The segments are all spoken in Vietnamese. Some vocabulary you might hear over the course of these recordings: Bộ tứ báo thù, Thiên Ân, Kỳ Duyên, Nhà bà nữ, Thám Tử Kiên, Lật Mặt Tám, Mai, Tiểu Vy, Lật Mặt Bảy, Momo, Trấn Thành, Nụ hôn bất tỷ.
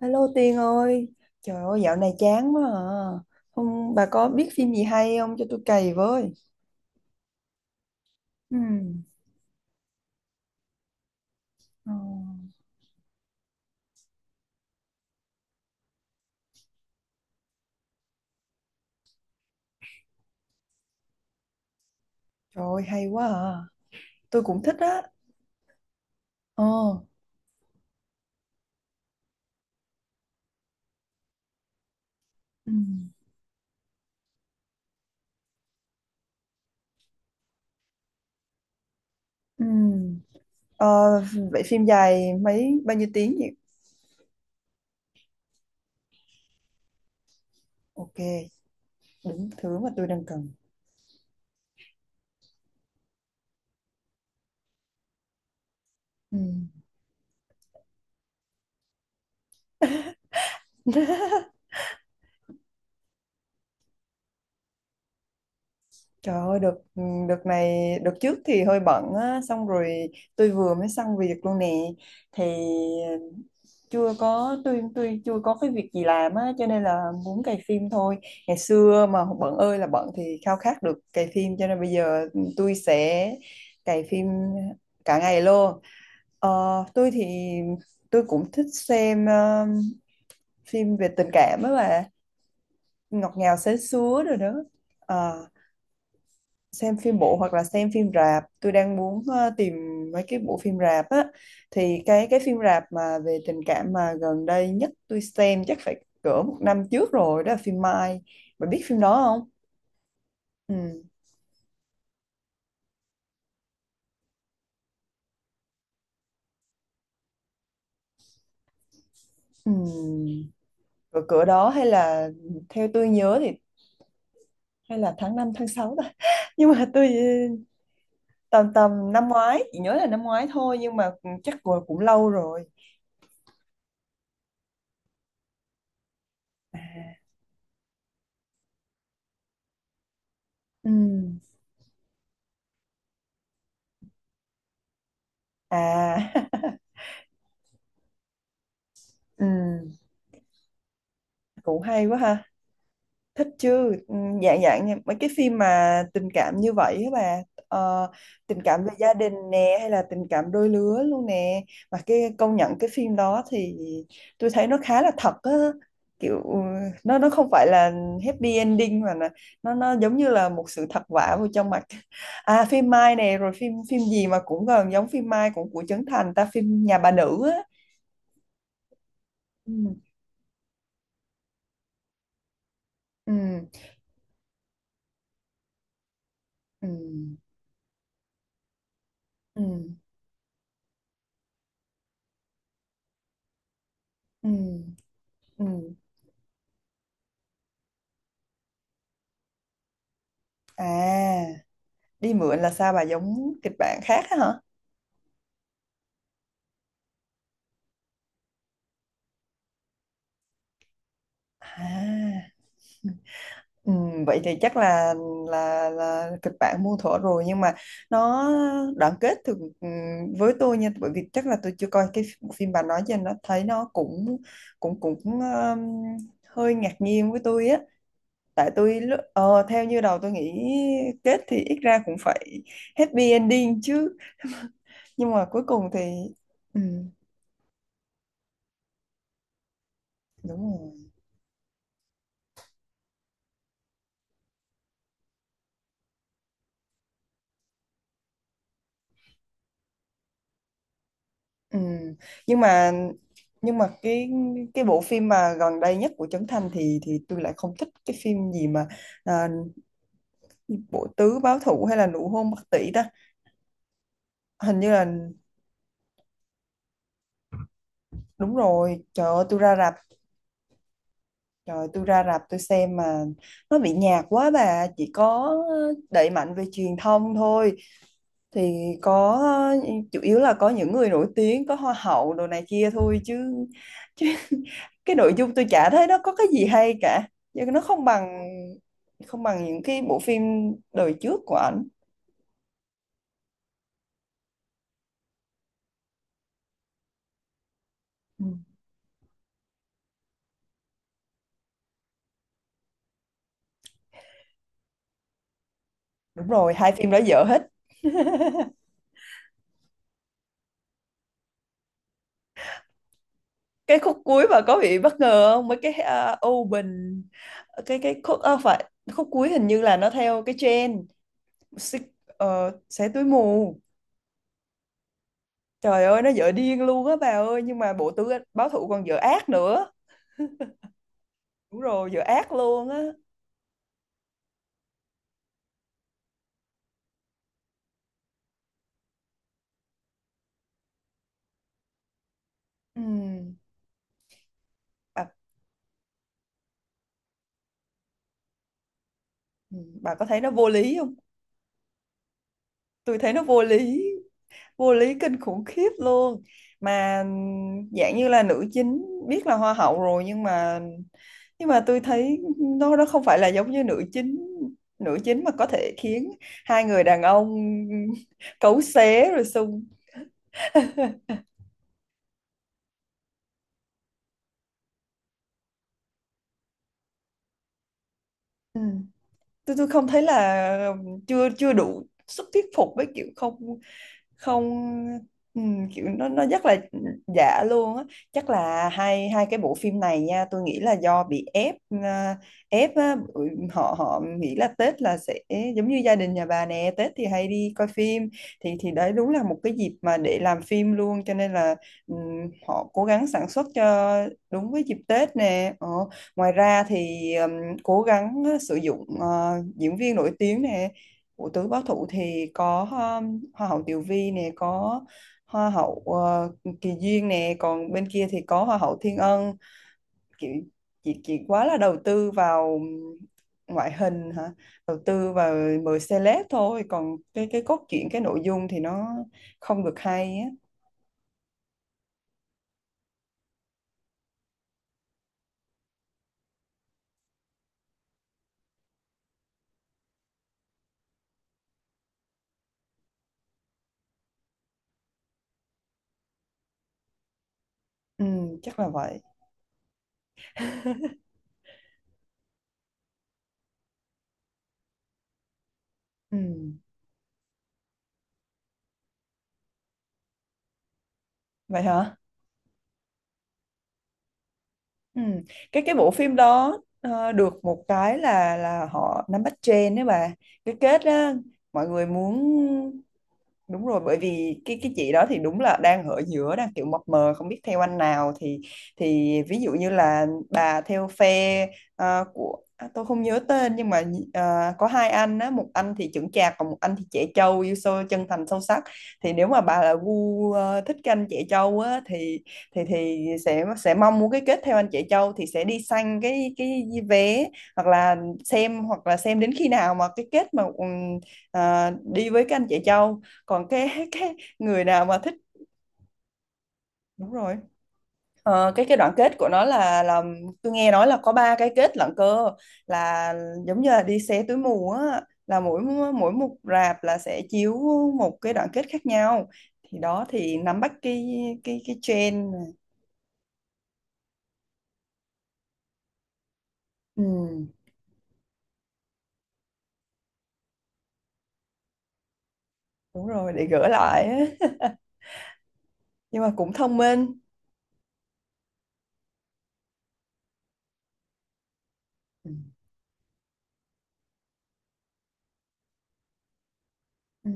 Hello Tiên ơi, trời ơi dạo này chán quá à. Không, bà có biết phim gì hay không cho tôi cày với. Ừ. Ờ. Trời ơi hay quá à. Tôi cũng thích á. Ờ. Ừ. Ừ. ờ, Vậy phim dài mấy bao nhiêu tiếng vậy? Ok, đúng thứ mà tôi đang cần. Ừ. Trời ơi, đợt này, đợt trước thì hơi bận á, xong rồi tôi vừa mới xong việc luôn nè, thì chưa có, tôi chưa có cái việc gì làm á, cho nên là muốn cày phim thôi. Ngày xưa mà bận ơi là bận thì khao khát được cày phim, cho nên bây giờ tôi sẽ cày phim cả ngày luôn. Ờ, tôi thì, tôi cũng thích xem phim về tình cảm á mà ngọt ngào sến súa rồi đó. Ờ, xem phim bộ hoặc là xem phim rạp, tôi đang muốn tìm mấy cái bộ phim rạp á. Thì cái phim rạp mà về tình cảm mà gần đây nhất tôi xem chắc phải cỡ một năm trước rồi, đó là phim Mai, bạn biết phim đó không. Ừ. Ừ. Cỡ cỡ đó, hay là theo tôi nhớ thì hay là tháng 5 tháng 6 ta. Nhưng mà tôi tầm tầm năm ngoái, chỉ nhớ là năm ngoái thôi, nhưng mà chắc cũng, lâu rồi. À, ừ. À. Ừ. Cũng hay quá ha. Thích chứ. Ừ, dạng dạng nha, mấy cái phim mà tình cảm như vậy á bà. Ờ, tình cảm về gia đình nè, hay là tình cảm đôi lứa luôn nè. Mà cái công nhận cái phim đó thì tôi thấy nó khá là thật á, kiểu ừ, nó không phải là happy ending, mà nó giống như là một sự thật vả vào trong mặt. À, phim Mai nè, rồi phim phim gì mà cũng gần giống phim Mai, cũng của Trấn Thành ta, phim Nhà bà nữ á. Ừ. Ừ. Ừ. Ừ. Ừ. Ừ. À, đi mượn là sao bà, giống kịch bản khác á hả. À, ừ, vậy thì chắc là kịch bản muôn thuở rồi, nhưng mà nó đoạn kết thì ừ, với tôi nha, bởi vì chắc là tôi chưa coi cái bộ phim bà nói, cho nên nó thấy nó cũng, cũng cũng hơi ngạc nhiên với tôi á. Tại tôi theo như đầu tôi nghĩ, kết thì ít ra cũng phải happy ending chứ, nhưng mà cuối cùng thì ừ, đúng rồi. Ừ. Nhưng mà nhưng mà cái bộ phim mà gần đây nhất của Trấn Thành thì tôi lại không thích. Cái phim gì mà à, Bộ tứ báo thù hay là nụ hôn bất tỷ ta, hình như là đúng rồi. Trời ơi, tôi ra rạp tôi xem mà nó bị nhạt quá bà, chỉ có đẩy mạnh về truyền thông thôi, thì có chủ yếu là có những người nổi tiếng, có hoa hậu đồ này kia thôi chứ, cái nội dung tôi chả thấy nó có cái gì hay cả, nhưng nó không bằng những cái bộ phim đời trước của ảnh. Ừ. Đúng rồi, hai phim đó dở hết. Cái khúc cuối mà có bị bất ngờ không, mấy cái open, cái khúc ờ, phải khúc cuối hình như là nó theo cái trend. Xé túi mù. Trời ơi nó dở điên luôn á bà ơi, nhưng mà bộ tứ báo thủ còn dở ác nữa. Đúng rồi dở ác luôn á. Ừ. bà, ừ, bà có thấy nó vô lý không. Tôi thấy nó vô lý, vô lý kinh khủng khiếp luôn. Mà dạng như là nữ chính biết là hoa hậu rồi, nhưng mà tôi thấy nó không phải là giống như nữ chính, mà có thể khiến hai người đàn ông cấu xé rồi xung. Ừ. tôi không thấy là, chưa chưa đủ sức thuyết phục, với kiểu không, không. Ừ, kiểu nó rất là giả luôn á. Chắc là hai hai cái bộ phim này nha, tôi nghĩ là do bị ép, à, ép á, bởi họ họ nghĩ là Tết là sẽ giống như gia đình nhà bà nè. Tết thì hay đi coi phim, thì đấy đúng là một cái dịp mà để làm phim luôn, cho nên là ừ, họ cố gắng sản xuất cho đúng với dịp Tết nè ờ. Ngoài ra thì cố gắng sử dụng diễn viên nổi tiếng nè, của Tứ Báo Thủ thì có hoa hậu Tiểu Vy nè, có hoa hậu Kỳ Duyên nè, còn bên kia thì có hoa hậu Thiên Ân. Kiểu chị quá là đầu tư vào ngoại hình hả, đầu tư vào mời celeb thôi, còn cái cốt truyện, cái nội dung thì nó không được hay á. Ừ, chắc là vậy. Ừ. Vậy hả. Ừ. Cái bộ phim đó được một cái là họ nắm bắt trend đấy bà, cái kết á mọi người muốn. Đúng rồi, bởi vì cái chị đó thì đúng là đang ở giữa, đang kiểu mập mờ không biết theo anh nào, thì ví dụ như là bà theo phe tôi không nhớ tên, nhưng mà có hai anh á, một anh thì chững chạc còn một anh thì trẻ trâu yêu sâu chân thành sâu sắc. Thì nếu mà bà là gu thích canh trẻ trâu á, thì sẽ mong muốn cái kết theo anh chị Châu, thì sẽ đi săn cái vé, hoặc là xem, đến khi nào mà cái kết mà đi với các anh chị Châu, còn cái người nào mà thích. Đúng rồi. Ờ, cái đoạn kết của nó là tôi nghe nói là có ba cái kết lận cơ, là giống như là đi xé túi mù á, là mỗi mỗi một rạp là sẽ chiếu một cái đoạn kết khác nhau, thì đó thì nắm bắt cái trend. Ừ. Đúng rồi, để gỡ lại á. Nhưng mà cũng thông minh. Ừ. Ừ.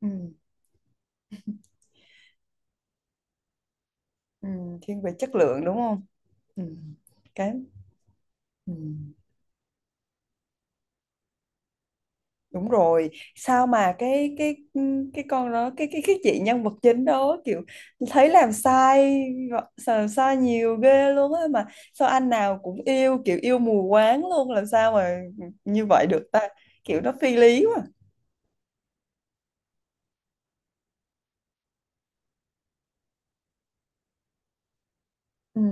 Ừ. Ừ. Thiên về chất lượng đúng không. Ừ. Cái. Ừ. Đúng rồi. Sao mà cái con đó, cái chị nhân vật chính đó kiểu thấy làm sai, nhiều ghê luôn á mà. Sao anh nào cũng yêu, kiểu yêu mù quáng luôn, làm sao mà như vậy được ta, kiểu nó phi lý quá. Ừ.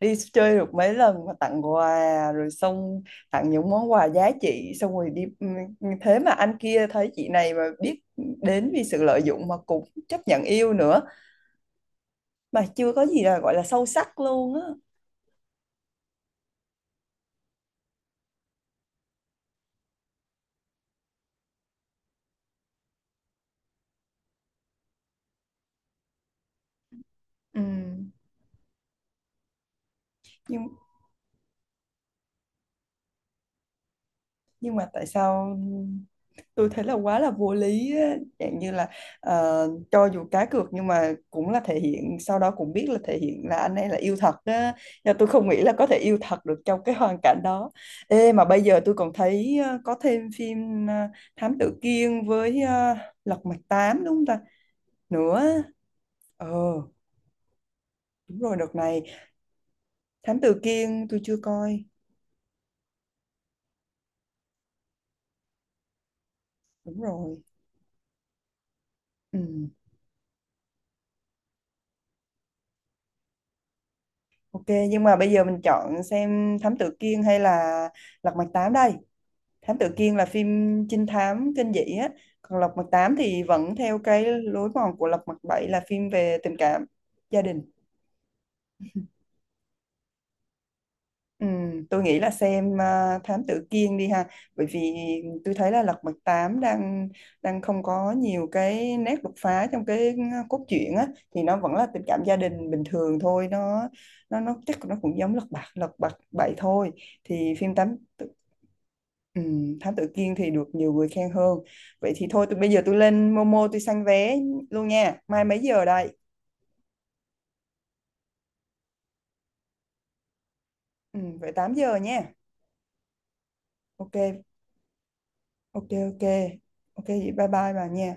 Đi chơi được mấy lần mà tặng quà rồi, xong tặng những món quà giá trị xong rồi đi, ừ, ừ, thế mà anh kia thấy chị này mà biết đến vì sự lợi dụng mà cũng chấp nhận yêu nữa, mà chưa có gì là gọi là sâu sắc luôn á. Ừ. nhưng nhưng mà tại sao tôi thấy là quá là vô lý á. Dạng như là ờ, cho dù cá cược nhưng mà cũng là thể hiện, sau đó cũng biết là thể hiện là anh ấy là yêu thật á, nhưng tôi không nghĩ là có thể yêu thật được trong cái hoàn cảnh đó. Ê mà bây giờ tôi còn thấy có thêm phim Thám Tử Kiên với Lật Mặt Tám, đúng không ta, nữa. Ờ, đúng rồi đợt này. Thám Tử Kiên tôi chưa coi. Đúng rồi. Ừ. Ok, nhưng mà bây giờ mình chọn xem Thám Tử Kiên hay là Lật Mặt Tám đây. Thám Tử Kiên là phim trinh thám kinh dị á, còn Lật Mặt Tám thì vẫn theo cái lối mòn của Lật Mặt Bảy, là phim về tình cảm gia đình. Ừ, tôi nghĩ là xem Thám Tử Kiên đi ha, bởi vì tôi thấy là Lật Mặt tám đang đang không có nhiều cái nét đột phá trong cái cốt truyện á, thì nó vẫn là tình cảm gia đình bình thường thôi, nó chắc nó cũng giống Lật Mặt bảy thôi, thì phim Thám Tử. Ừ, Thám Tử Kiên thì được nhiều người khen hơn. Vậy thì thôi, tôi bây giờ tôi lên Momo tôi săn vé luôn nha, mai mấy giờ đây. Ừ, vậy 8 giờ nha. Ok, ok, ok, ok, vậy bye bye bà nha.